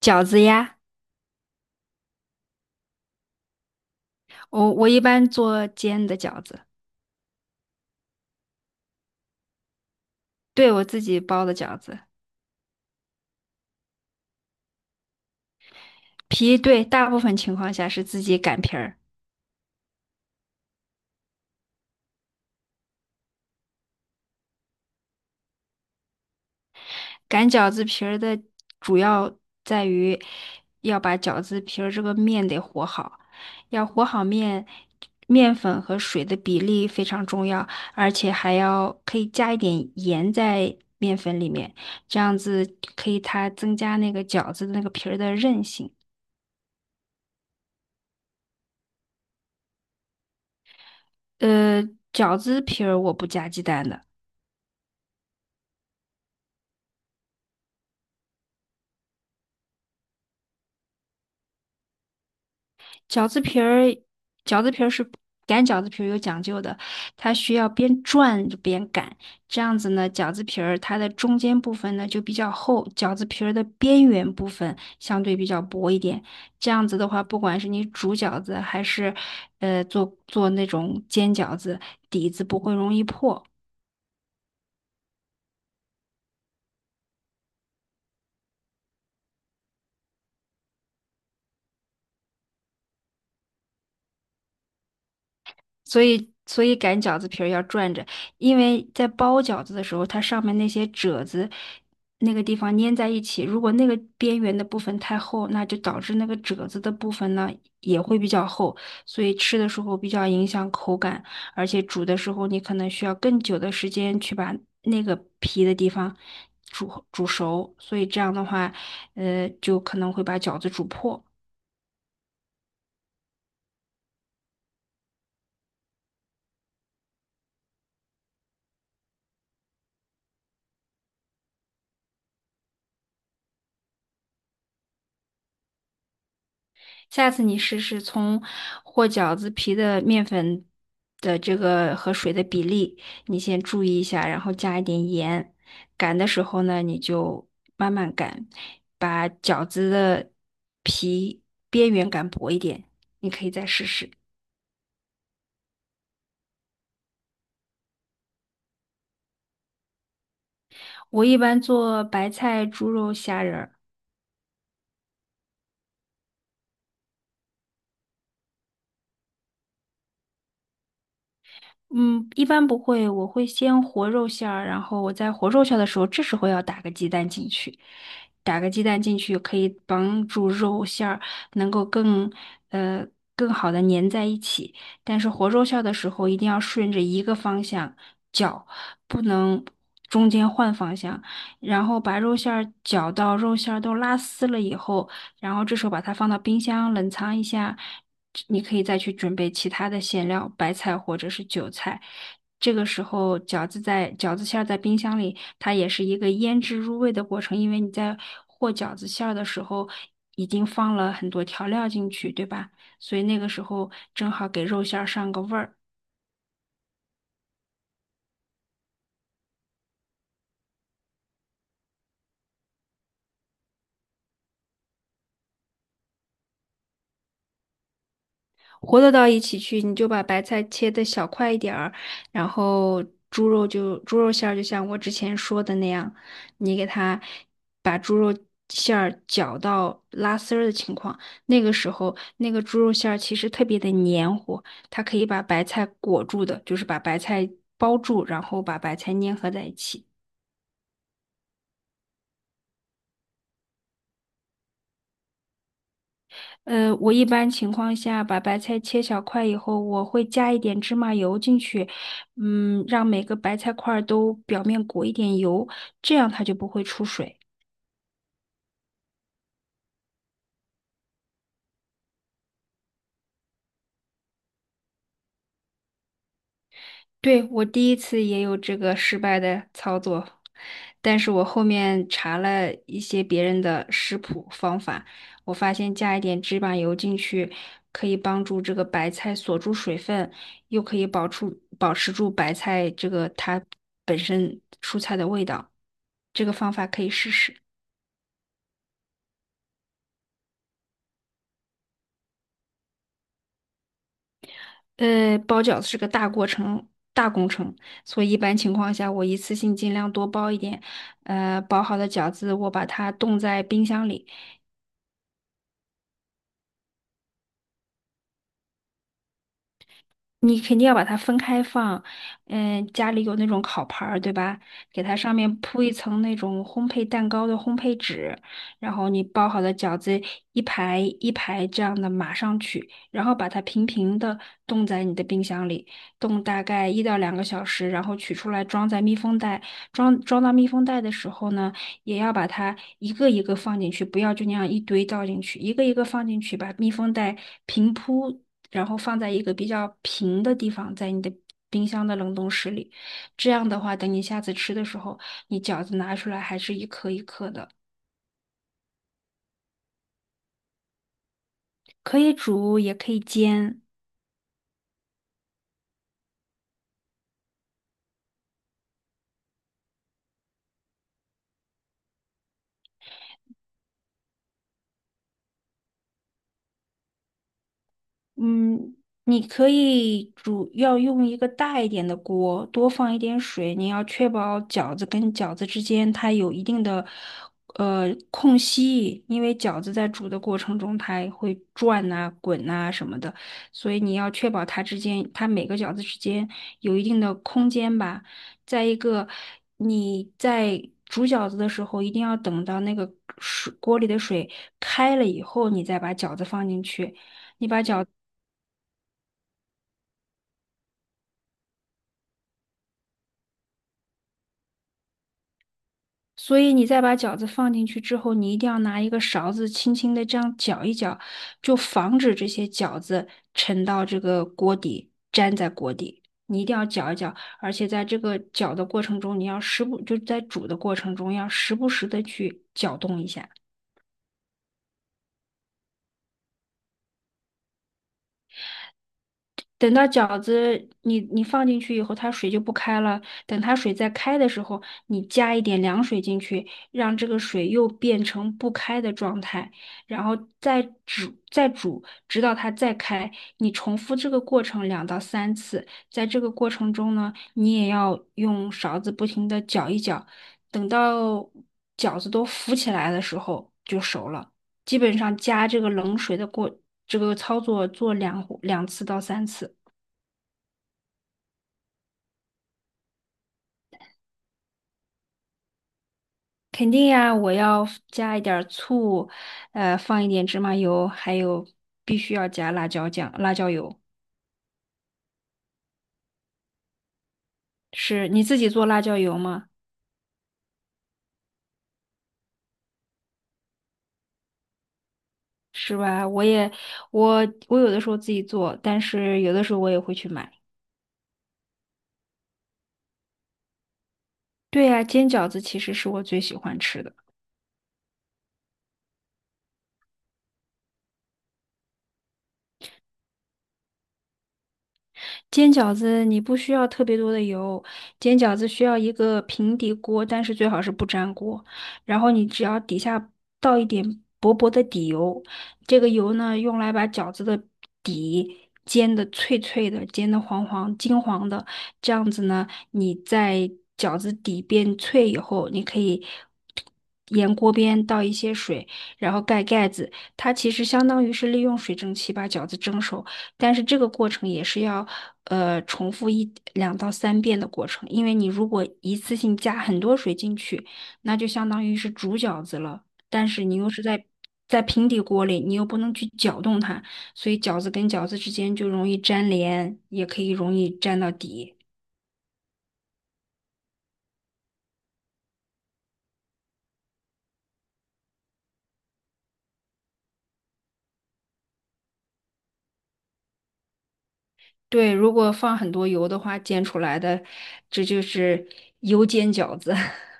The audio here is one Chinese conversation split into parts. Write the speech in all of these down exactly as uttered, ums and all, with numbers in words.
饺子呀，我我一般做煎的饺子。对，我自己包的饺子。皮，对，大部分情况下是自己擀皮儿。擀饺子皮儿的主要在于要把饺子皮儿这个面得和好，要和好面，面粉和水的比例非常重要，而且还要可以加一点盐在面粉里面，这样子可以它增加那个饺子的那个皮儿的韧性。呃，饺子皮儿我不加鸡蛋的。饺子皮儿，饺子皮儿是擀饺子皮儿有讲究的，它需要边转着边擀，这样子呢，饺子皮儿它的中间部分呢就比较厚，饺子皮儿的边缘部分相对比较薄一点。这样子的话，不管是你煮饺子还是呃做做那种煎饺子，底子不会容易破。所以所以擀饺子皮儿要转着，因为在包饺子的时候，它上面那些褶子那个地方粘在一起，如果那个边缘的部分太厚，那就导致那个褶子的部分呢也会比较厚，所以吃的时候比较影响口感，而且煮的时候你可能需要更久的时间去把那个皮的地方煮煮熟，所以这样的话，呃，就可能会把饺子煮破。下次你试试从和饺子皮的面粉的这个和水的比例，你先注意一下，然后加一点盐。擀的时候呢，你就慢慢擀，把饺子的皮边缘擀薄一点。你可以再试试。我一般做白菜、猪肉、虾仁儿。嗯，一般不会，我会先和肉馅儿，然后我在和肉馅儿的时候，这时候要打个鸡蛋进去。打个鸡蛋进去可以帮助肉馅儿能够更呃更好的粘在一起。但是和肉馅儿的时候，一定要顺着一个方向搅，不能中间换方向。然后把肉馅儿搅到肉馅儿都拉丝了以后，然后这时候把它放到冰箱冷藏一下。你可以再去准备其他的馅料，白菜或者是韭菜。这个时候，饺子在饺子馅儿在冰箱里，它也是一个腌制入味的过程，因为你在和饺子馅儿的时候已经放了很多调料进去，对吧？所以那个时候正好给肉馅儿上个味儿。和得到一起去，你就把白菜切的小块一点儿，然后猪肉就猪肉馅儿，就像我之前说的那样，你给它把猪肉馅儿搅到拉丝儿的情况，那个时候那个猪肉馅儿其实特别的黏糊，它可以把白菜裹住的，就是把白菜包住，然后把白菜粘合在一起。呃，我一般情况下把白菜切小块以后，我会加一点芝麻油进去。嗯，让每个白菜块儿都表面裹一点油，这样它就不会出水。对，我第一次也有这个失败的操作，但是我后面查了一些别人的食谱方法，我发现加一点芝麻油进去，可以帮助这个白菜锁住水分，又可以保出保持住白菜这个它本身蔬菜的味道，这个方法可以试试。呃，包饺子是个大过程，大工程，所以一般情况下，我一次性尽量多包一点。呃，包好的饺子我把它冻在冰箱里。你肯定要把它分开放。嗯，家里有那种烤盘儿，对吧？给它上面铺一层那种烘焙蛋糕的烘焙纸，然后你包好的饺子一排一排这样的码上去，然后把它平平的冻在你的冰箱里，冻大概一到两个小时，然后取出来装在密封袋。装装到密封袋的时候呢，也要把它一个一个放进去，不要就那样一堆倒进去，一个一个放进去，把密封袋平铺。然后放在一个比较平的地方，在你的冰箱的冷冻室里。这样的话，等你下次吃的时候，你饺子拿出来还是一颗一颗的。可以煮，也可以煎。嗯，你可以主要用一个大一点的锅，多放一点水。你要确保饺子跟饺子之间它有一定的呃空隙，因为饺子在煮的过程中它会转呐、滚呐、什么的，所以你要确保它之间，它每个饺子之间有一定的空间吧。再一个，你在煮饺子的时候，一定要等到那个水锅里的水开了以后，你再把饺子放进去。你把饺所以你再把饺子放进去之后，你一定要拿一个勺子轻轻的这样搅一搅，就防止这些饺子沉到这个锅底，粘在锅底。你一定要搅一搅，而且在这个搅的过程中，你要时不，就在煮的过程中，要时不时的去搅动一下。等到饺子你你放进去以后，它水就不开了。等它水再开的时候，你加一点凉水进去，让这个水又变成不开的状态，然后再煮再煮，直到它再开。你重复这个过程两到三次。在这个过程中呢，你也要用勺子不停的搅一搅，等到饺子都浮起来的时候就熟了。基本上加这个冷水的过这个操作做两两次到三次。肯定呀，我要 f- 加一点儿醋，呃，放一点芝麻油，还有必须要加辣椒酱、辣椒油。是你自己做辣椒油吗？是吧？我也，我我有的时候自己做，但是有的时候我也会去买。对呀，煎饺子其实是我最喜欢吃的。煎饺子你不需要特别多的油，煎饺子需要一个平底锅，但是最好是不粘锅。然后你只要底下倒一点薄薄的底油，这个油呢用来把饺子的底煎的脆脆的，煎的黄黄金黄的。这样子呢，你在饺子底变脆以后，你可以沿锅边倒一些水，然后盖盖子。它其实相当于是利用水蒸气把饺子蒸熟。但是这个过程也是要呃重复一两到三遍的过程，因为你如果一次性加很多水进去，那就相当于是煮饺子了，但是你又是在在平底锅里，你又不能去搅动它，所以饺子跟饺子之间就容易粘连，也可以容易粘到底。对，如果放很多油的话，煎出来的这就是油煎饺子。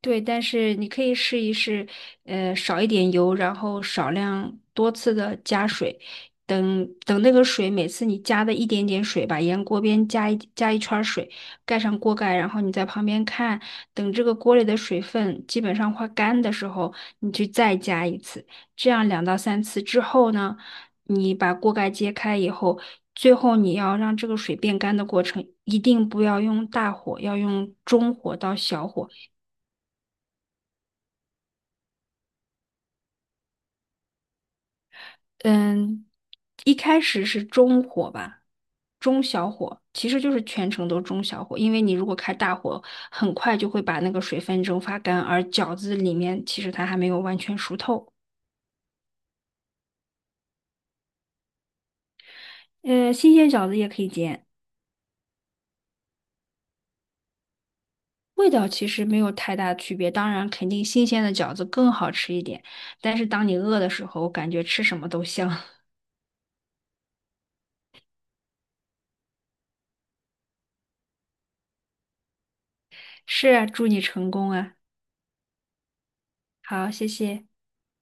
对，但是你可以试一试，呃，少一点油，然后少量多次的加水，等等那个水，每次你加的一点点水吧，沿锅边加一加一圈儿水，盖上锅盖，然后你在旁边看，等这个锅里的水分基本上快干的时候，你去再加一次，这样两到三次之后呢，你把锅盖揭开以后，最后你要让这个水变干的过程，一定不要用大火，要用中火到小火。嗯，一开始是中火吧，中小火，其实就是全程都中小火，因为你如果开大火，很快就会把那个水分蒸发干，而饺子里面其实它还没有完全熟透。呃，新鲜饺子也可以煎，味道其实没有太大区别，当然肯定新鲜的饺子更好吃一点，但是当你饿的时候，感觉吃什么都香。是啊，祝你成功啊！好，谢谢。